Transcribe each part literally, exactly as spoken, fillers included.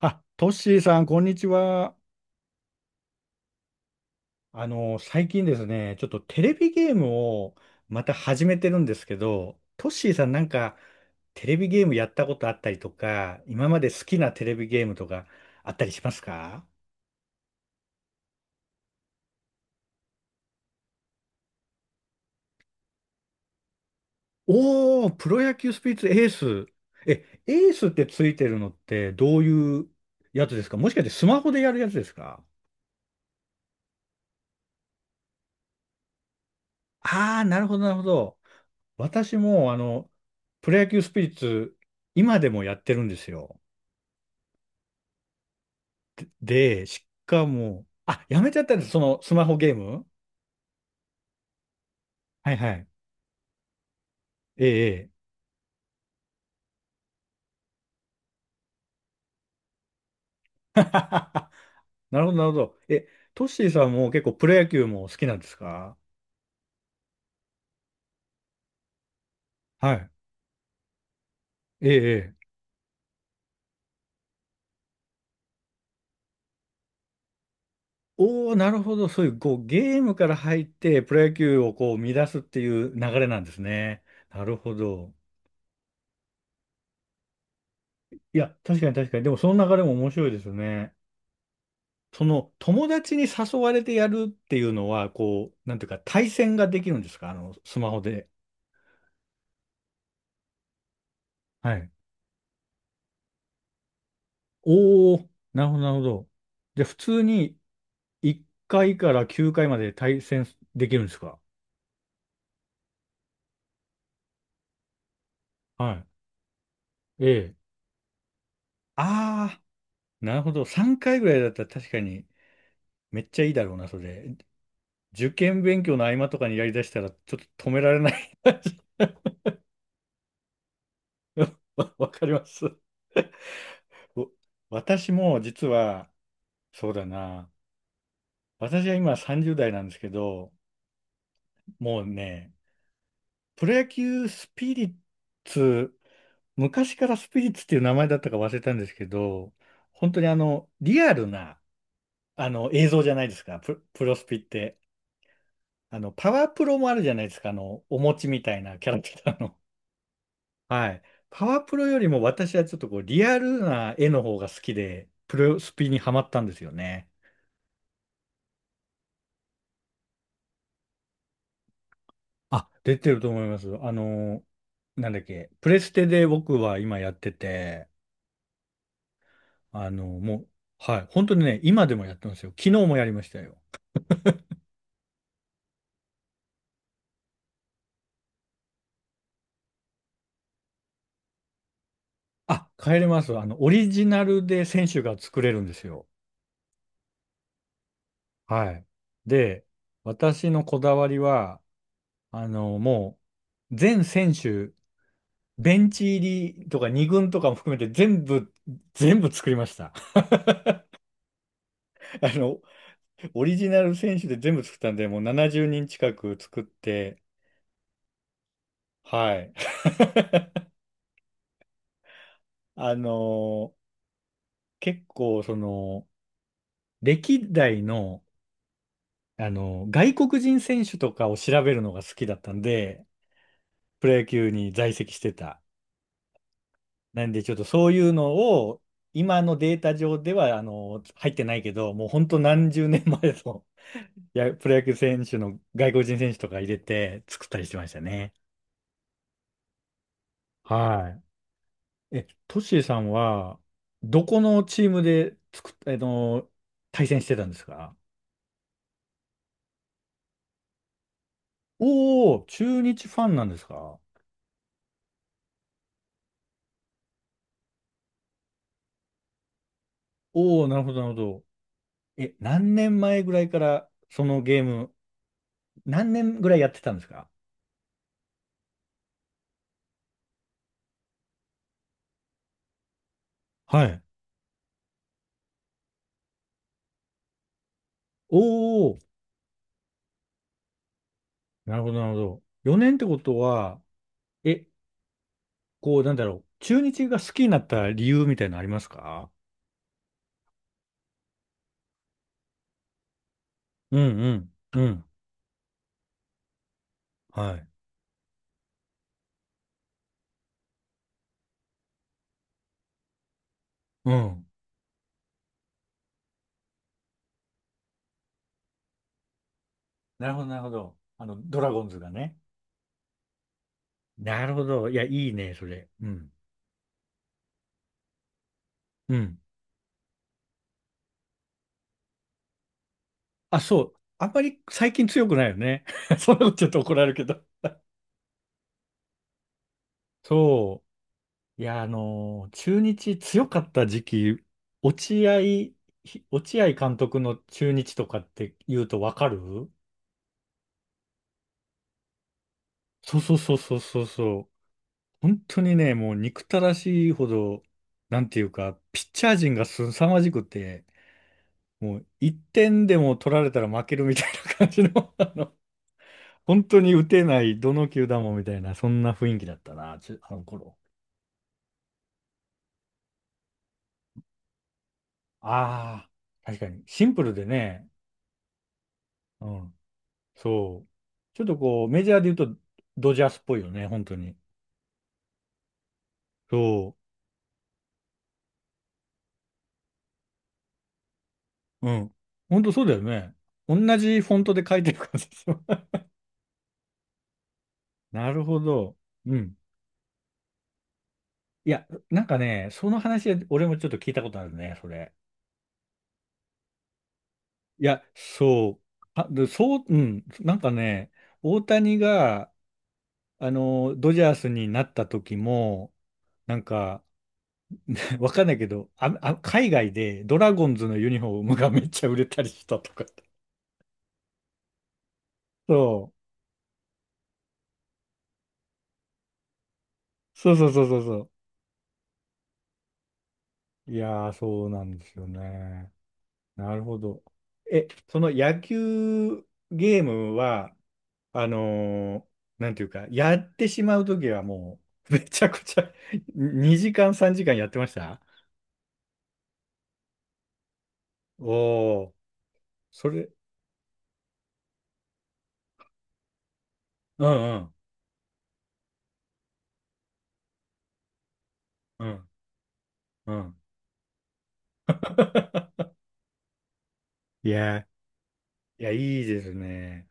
あ、トッシーさん、こんにちは。あの、最近ですね、ちょっとテレビゲームをまた始めてるんですけど、トッシーさんなんかテレビゲームやったことあったりとか、今まで好きなテレビゲームとかあったりしますか？おー、プロ野球スピリッツエース。え、エースってついてるのってどういうやつですか？もしかしてスマホでやるやつですか？ああー、なるほど、なるほど。私もあの、プロ野球スピリッツ今でもやってるんですよ。で、しかも、あ、やめちゃったんです、そのスマホゲーム。はいはい。ええ、ええ。 なるほど、なるほど。え、トッシーさんも結構プロ野球も好きなんですか？はい。ええ、ええ。おー、なるほど。そういう、こう、ゲームから入って、プロ野球をこう、乱すっていう流れなんですね。なるほど。いや、確かに確かに。でも、その流れも面白いですよね。その、友達に誘われてやるっていうのは、こう、なんていうか、対戦ができるんですか？あの、スマホで。はい。おお、なるほど、なるほど。じゃあ、普通にいっかいからきゅうかいまで対戦できるんですか？はい。ええ。ああ、なるほど。さんかいぐらいだったら確かにめっちゃいいだろうな、それ。受験勉強の合間とかにやりだしたらちょっと止められない。わわかります。お、私も実は、そうだな。私は今さんじゅうだい代なんですけど、もうね、プロ野球スピリッツ昔からスピリッツっていう名前だったか忘れたんですけど、本当にあの、リアルな、あの、映像じゃないですか、プ、プロスピって。あの、パワープロもあるじゃないですか、あの、お餅みたいなキャラクターの。はい。パワープロよりも私はちょっとこう、リアルな絵の方が好きで、プロスピにハマったんですよね。あ、出てると思います。あの、なんだっけ、プレステで僕は今やってて、あの、もう、はい、本当にね、今でもやってますよ。昨日もやりましたよ。あ、帰れます。あの、オリジナルで選手が作れるんですよ。はい。で、私のこだわりは、あの、もう、全選手、ベンチ入りとか二軍とかも含めて全部、全部作りました。あの、オリジナル選手で全部作ったんで、もうななじゅうにん近く作って、はい。あの、結構、その、歴代の、あの、外国人選手とかを調べるのが好きだったんで、プロ野球に在籍してた。なんで、ちょっとそういうのを、今のデータ上では、あの、入ってないけど、もう本当何十年前の いや、プロ野球選手の外国人選手とか入れて作ったりしてましたね。はい。え、トッシーさんは、どこのチームで作っ、あの、対戦してたんですか？おー、中日ファンなんですか？おおー、なるほど、なるほど。え、何年前ぐらいからそのゲーム、何年ぐらいやってたんですか？はい。お、なるほど、なるほど。よねんってことは、え、こう、なんだろう。中日が好きになった理由みたいなのありますか？うんうん。うん。はい。うん。なるほど、なるほど。あの、ドラゴンズがね。なるほど。いや、いいね、それ。うん。うん。あ、そう。あんまり最近強くないよね。そんなことちょっと怒られるけど。そう。いや、あのー中日強かった時期、落合、ひ落合監督の中日とかって言うとわかる？そうそうそうそうそうそう。本当にね、もう憎たらしいほど、なんていうか、ピッチャー陣が凄まじくて、もういってんでも取られたら負けるみたいな感じの、あの、本当に打てない、どの球団もみたいな、そんな雰囲気だったな、ちあの頃。ああ、確かに、シンプルでね、うん、そう。ちょっとこう、メジャーで言うと、ドジャースっぽいよね、本当に。そう、うん。本当そうだよね。同じフォントで書いてる感じですよ。なるほど。うん。いや、なんかね、その話、俺もちょっと聞いたことあるね、それ。いや、そう。あ、でそう、うん、なんかね、大谷が、あの、ドジャースになった時も、なんか、わかんないけど、あ、あ、海外でドラゴンズのユニフォームがめっちゃ売れたりしたとかって。そう。そうそうそうそうそう。いやー、そうなんですよね。なるほど。え、その野球ゲームは、あのーなんていうか、やってしまうときはもう、めちゃくちゃに 時間、さんじかんやってました？おー、それ、うんうん、うん、うん。いや、いや、いいですね。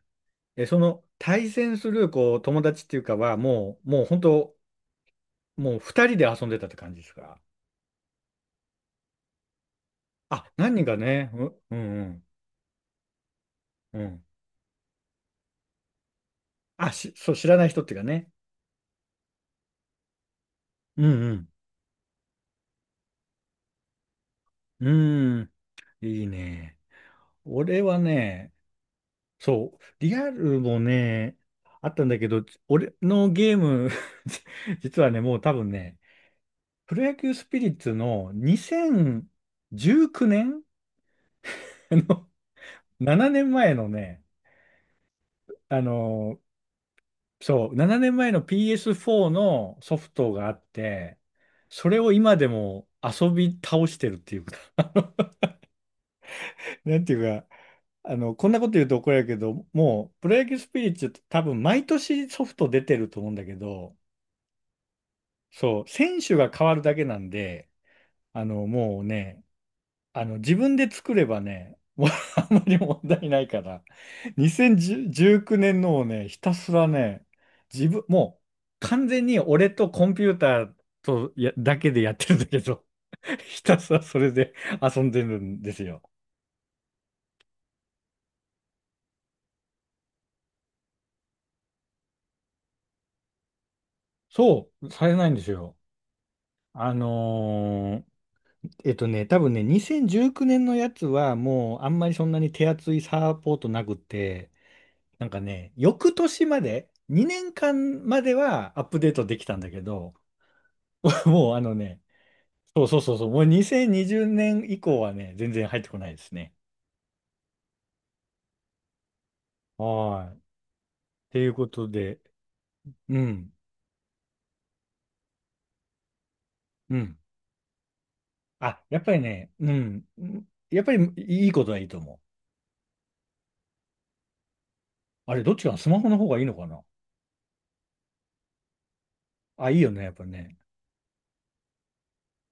え、その、対戦する、こう、友達っていうかは、もう、もう本当、もうふたりで遊んでたって感じですか？あ、何人かね、う、うん、うん、うん。あ、し、そう、知らない人っていうかね。うん、うん、うーん、いいね。俺はね、そう。リアルもね、あったんだけど、俺のゲーム 実はね、もう多分ね、プロ野球スピリッツのにせんじゅうきゅうねんあ の、ななねんまえのね、あの、そう、ななねんまえの ピーエスフォー のソフトがあって、それを今でも遊び倒してるっていうか なんていうか、あの、こんなこと言うと怒られるけど、もう、プロ野球スピリッツって多分毎年ソフト出てると思うんだけど、そう、選手が変わるだけなんで、あの、もうね、あの、自分で作ればね、もう あんまり問題ないから、にせんじゅうきゅうねんのをね、ひたすらね、自分、もう完全に俺とコンピューターとやだけでやってるんだけど、ひたすらそれで遊んでるんですよ。そう、されないんですよ。あのーえっとね、多分ね、にせんじゅうきゅうねんのやつはもうあんまりそんなに手厚いサポートなくて、なんかね、翌年まで、にねんかんまではアップデートできたんだけど、もうあのね、そうそうそうそう、もうにせんにじゅうねん以降はね、全然入ってこないですね。はい。っていうことで、うん、うん。あ、やっぱりね、うん、うんやっぱりいいことはいいと思う。あれ、どっちかなスマホの方がいいのかな？あ、いいよね、やっぱね。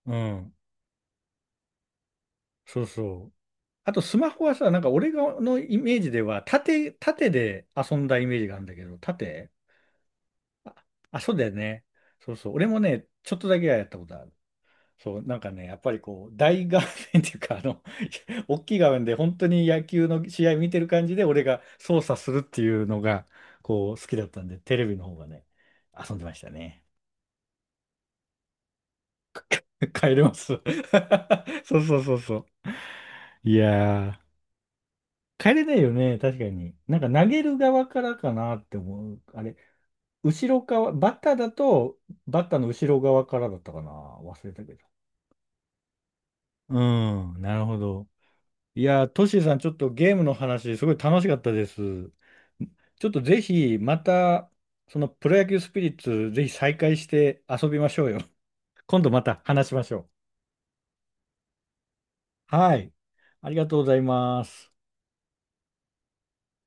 うん、そうそう。あと、スマホはさ、なんか俺のイメージでは、縦、縦で遊んだイメージがあるんだけど、縦。あ、あそうだよね。そうそう。俺もね、ちょっとだけはやったことある。そう、なんかね、やっぱりこう、大画面っていうか、あの、大きい画面で本当に野球の試合見てる感じで、俺が操作するっていうのが、こう、好きだったんで、テレビの方がね、遊んでましたね。帰れます。そうそうそうそう。いやー、帰れないよね、確かに。なんか投げる側からかなって思う。あれ、後ろ側、バッターだと、バッターの後ろ側からだったかな。忘れたけど。うん、なるほど。いやー、トシーさん、ちょっとゲームの話、すごい楽しかったです。ちょっとぜひ、また、そのプロ野球スピリッツ、ぜひ再開して遊びましょうよ。今度また話しましょう。はい。ありがとうございます。